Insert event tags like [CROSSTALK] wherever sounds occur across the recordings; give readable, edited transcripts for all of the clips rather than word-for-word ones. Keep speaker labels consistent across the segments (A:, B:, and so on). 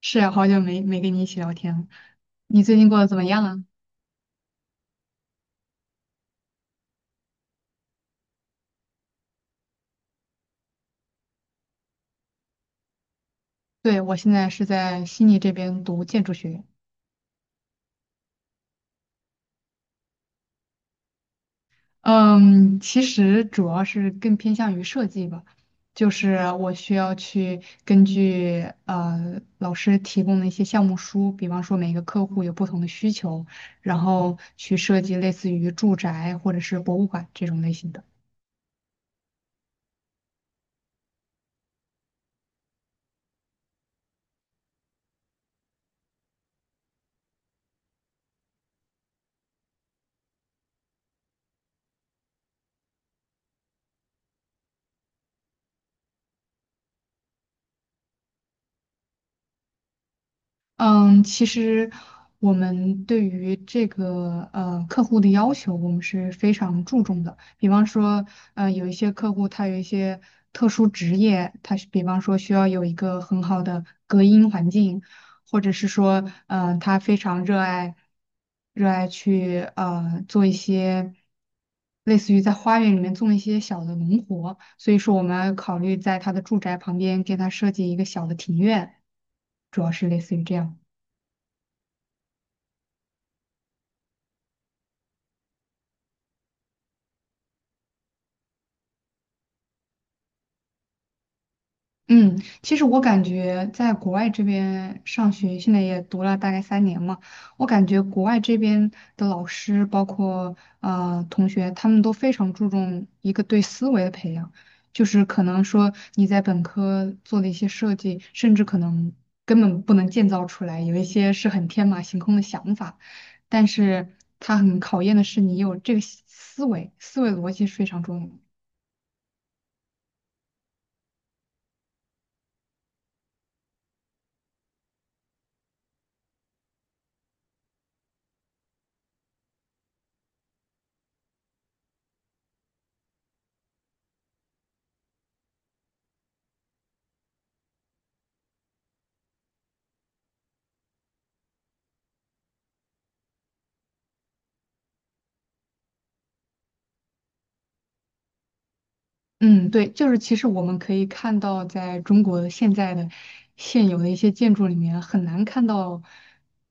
A: 是啊，好久没跟你一起聊天了，你最近过得怎么样啊？对，我现在是在悉尼这边读建筑学院，嗯，其实主要是更偏向于设计吧，就是我需要去根据老师提供的一些项目书，比方说每个客户有不同的需求，然后去设计类似于住宅或者是博物馆这种类型的。嗯，其实我们对于这个客户的要求，我们是非常注重的。比方说，有一些客户他有一些特殊职业，他是比方说需要有一个很好的隔音环境，或者是说，他非常热爱去做一些类似于在花园里面种一些小的农活，所以说我们考虑在他的住宅旁边给他设计一个小的庭院，主要是类似于这样。嗯，其实我感觉在国外这边上学，现在也读了大概三年嘛，我感觉国外这边的老师，包括同学，他们都非常注重一个对思维的培养，就是可能说你在本科做的一些设计，甚至可能根本不能建造出来，有一些是很天马行空的想法，但是它很考验的是你有这个思维，思维逻辑是非常重要的。嗯，对，就是其实我们可以看到，在中国现在的现有的一些建筑里面，很难看到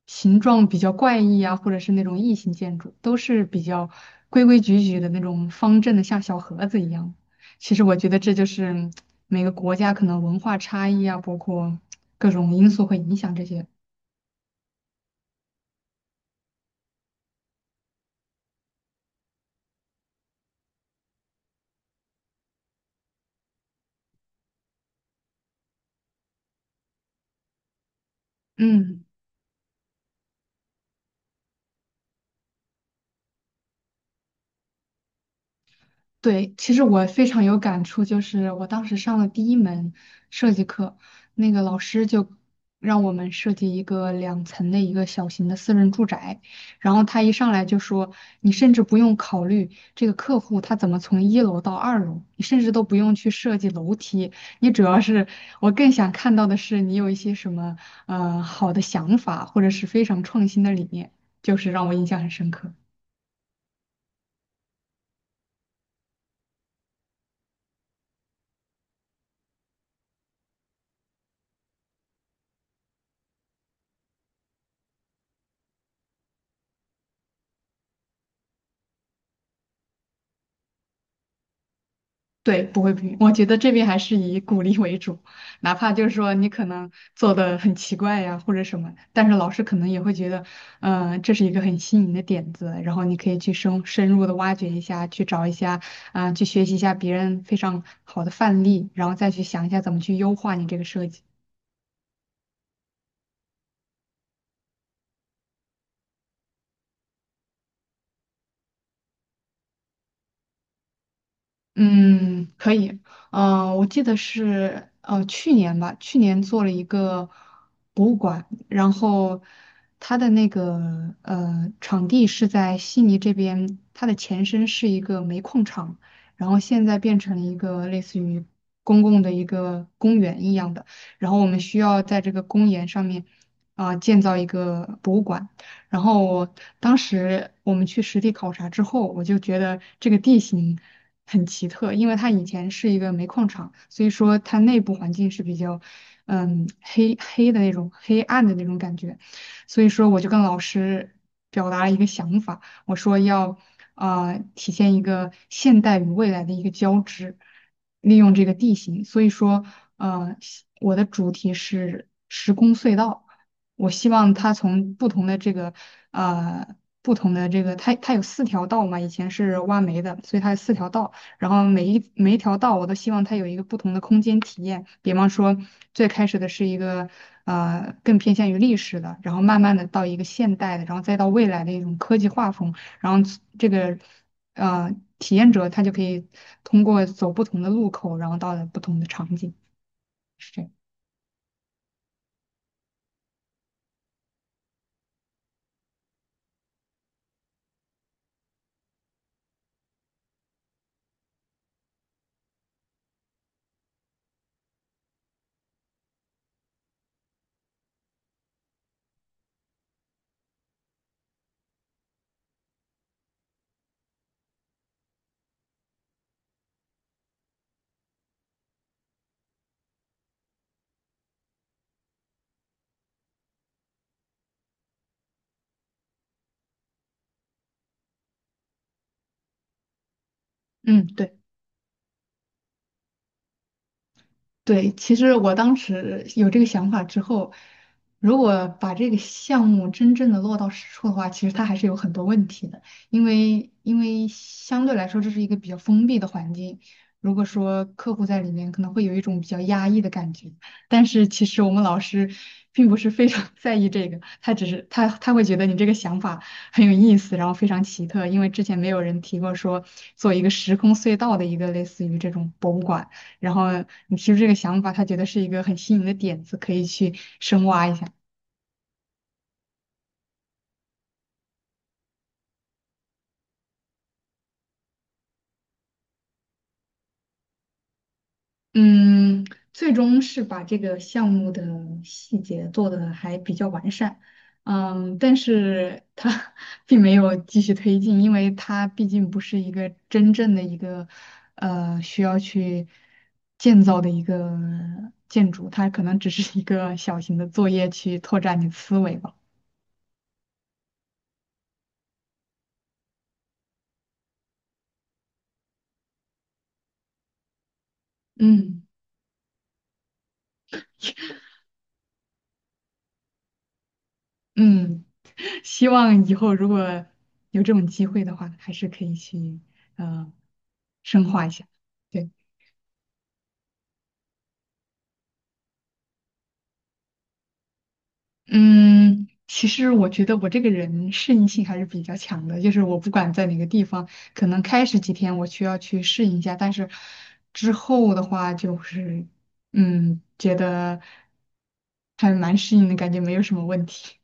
A: 形状比较怪异啊，或者是那种异形建筑，都是比较规规矩矩的那种方正的，像小盒子一样。其实我觉得这就是每个国家可能文化差异啊，包括各种因素会影响这些。嗯。对，其实我非常有感触，就是我当时上了第一门设计课，那个老师就让我们设计一个两层的一个小型的私人住宅，然后他一上来就说，你甚至不用考虑这个客户他怎么从一楼到二楼，你甚至都不用去设计楼梯，你主要是我更想看到的是你有一些什么好的想法，或者是非常创新的理念，就是让我印象很深刻。对，不会评。我觉得这边还是以鼓励为主，哪怕就是说你可能做的很奇怪呀，或者什么，但是老师可能也会觉得，嗯、这是一个很新颖的点子，然后你可以去深入的挖掘一下，去找一下，啊、去学习一下别人非常好的范例，然后再去想一下怎么去优化你这个设计。嗯，可以。嗯、我记得是去年吧，去年做了一个博物馆，然后它的那个场地是在悉尼这边，它的前身是一个煤矿场，然后现在变成了一个类似于公共的一个公园一样的，然后我们需要在这个公园上面啊、建造一个博物馆。然后我当时我们去实地考察之后，我就觉得这个地形。很奇特，因为它以前是一个煤矿厂，所以说它内部环境是比较，嗯，黑黑的那种黑暗的那种感觉，所以说我就跟老师表达了一个想法，我说要啊体现一个现代与未来的一个交织，利用这个地形，所以说呃我的主题是时空隧道。我希望它从不同的这个呃不同的这个，它有四条道嘛，以前是挖煤的，所以它有四条道。然后每一条道我都希望它有一个不同的空间体验。比方说，最开始的是一个更偏向于历史的，然后慢慢的到一个现代的，然后再到未来的一种科技画风，然后这个体验者他就可以通过走不同的路口，然后到了不同的场景，是这样。嗯，对。对，其实我当时有这个想法之后，如果把这个项目真正的落到实处的话，其实它还是有很多问题的，因为相对来说这是一个比较封闭的环境，如果说客户在里面可能会有一种比较压抑的感觉，但是其实我们老师并不是非常 [LAUGHS] 在意这个，他只是他会觉得你这个想法很有意思，然后非常奇特，因为之前没有人提过说做一个时空隧道的一个类似于这种博物馆。然后你提出这个想法，他觉得是一个很新颖的点子，可以去深挖一下。嗯，最终是把这个项目的细节做的还比较完善，嗯，但是它 [LAUGHS] 并没有继续推进，因为它毕竟不是一个真正的一个需要去建造的一个建筑，它可能只是一个小型的作业去拓展你的思维吧。嗯嗯。[LAUGHS] 希望以后如果有这种机会的话，还是可以去呃深化一下。对，嗯，其实我觉得我这个人适应性还是比较强的，就是我不管在哪个地方，可能开始几天我需要去适应一下，但是之后的话就是嗯，觉得还蛮适应的感觉，没有什么问题。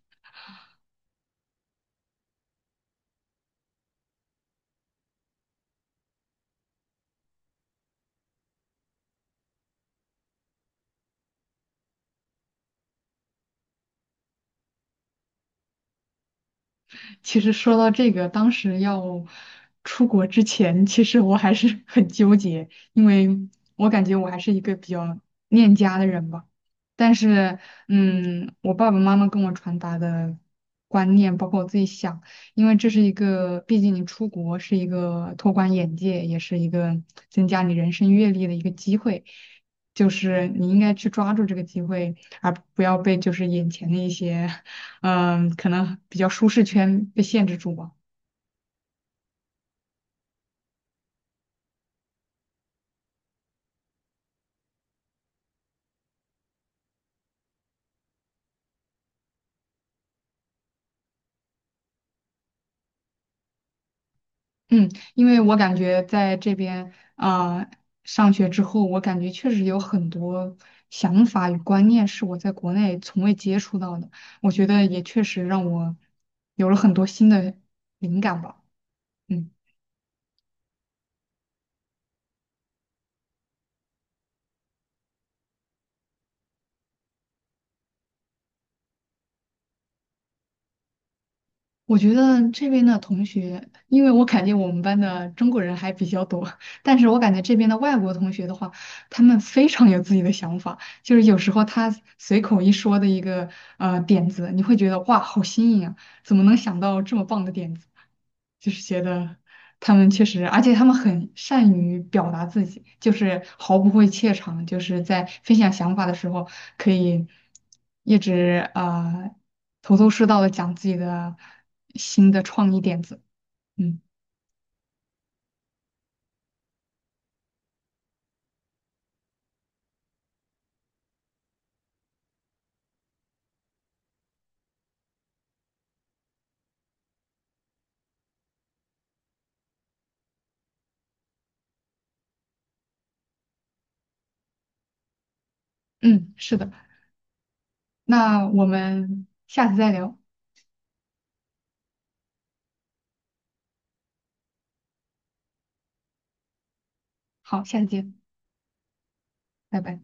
A: 其实说到这个，当时要出国之前，其实我还是 [LAUGHS] 很纠结，因为我感觉我还是一个比较恋家的人吧。但是，嗯，我爸爸妈妈跟我传达的观念，包括我自己想，因为这是一个，毕竟你出国是一个拓宽眼界，也是一个增加你人生阅历的一个机会，就是你应该去抓住这个机会，而不要被就是眼前的一些 [LAUGHS]。嗯，可能比较舒适圈被限制住吧。嗯，因为我感觉在这边啊，上学之后，我感觉确实有很多想法与观念是我在国内从未接触到的，我觉得也确实让我有了很多新的灵感吧。嗯。我觉得这边的同学，因为我感觉我们班的中国人还比较多，但是我感觉这边的外国同学的话，他们非常有自己的想法，就是有时候他随口一说的一个点子，你会觉得哇，好新颖啊，怎么能想到这么棒的点子？就是觉得他们确实，而且他们很善于表达自己，就是毫不会怯场，就是在分享想法的时候，可以一直头头是道的讲自己的新的创意点子。嗯嗯，是的，那我们下次再聊，好，下次见，拜拜。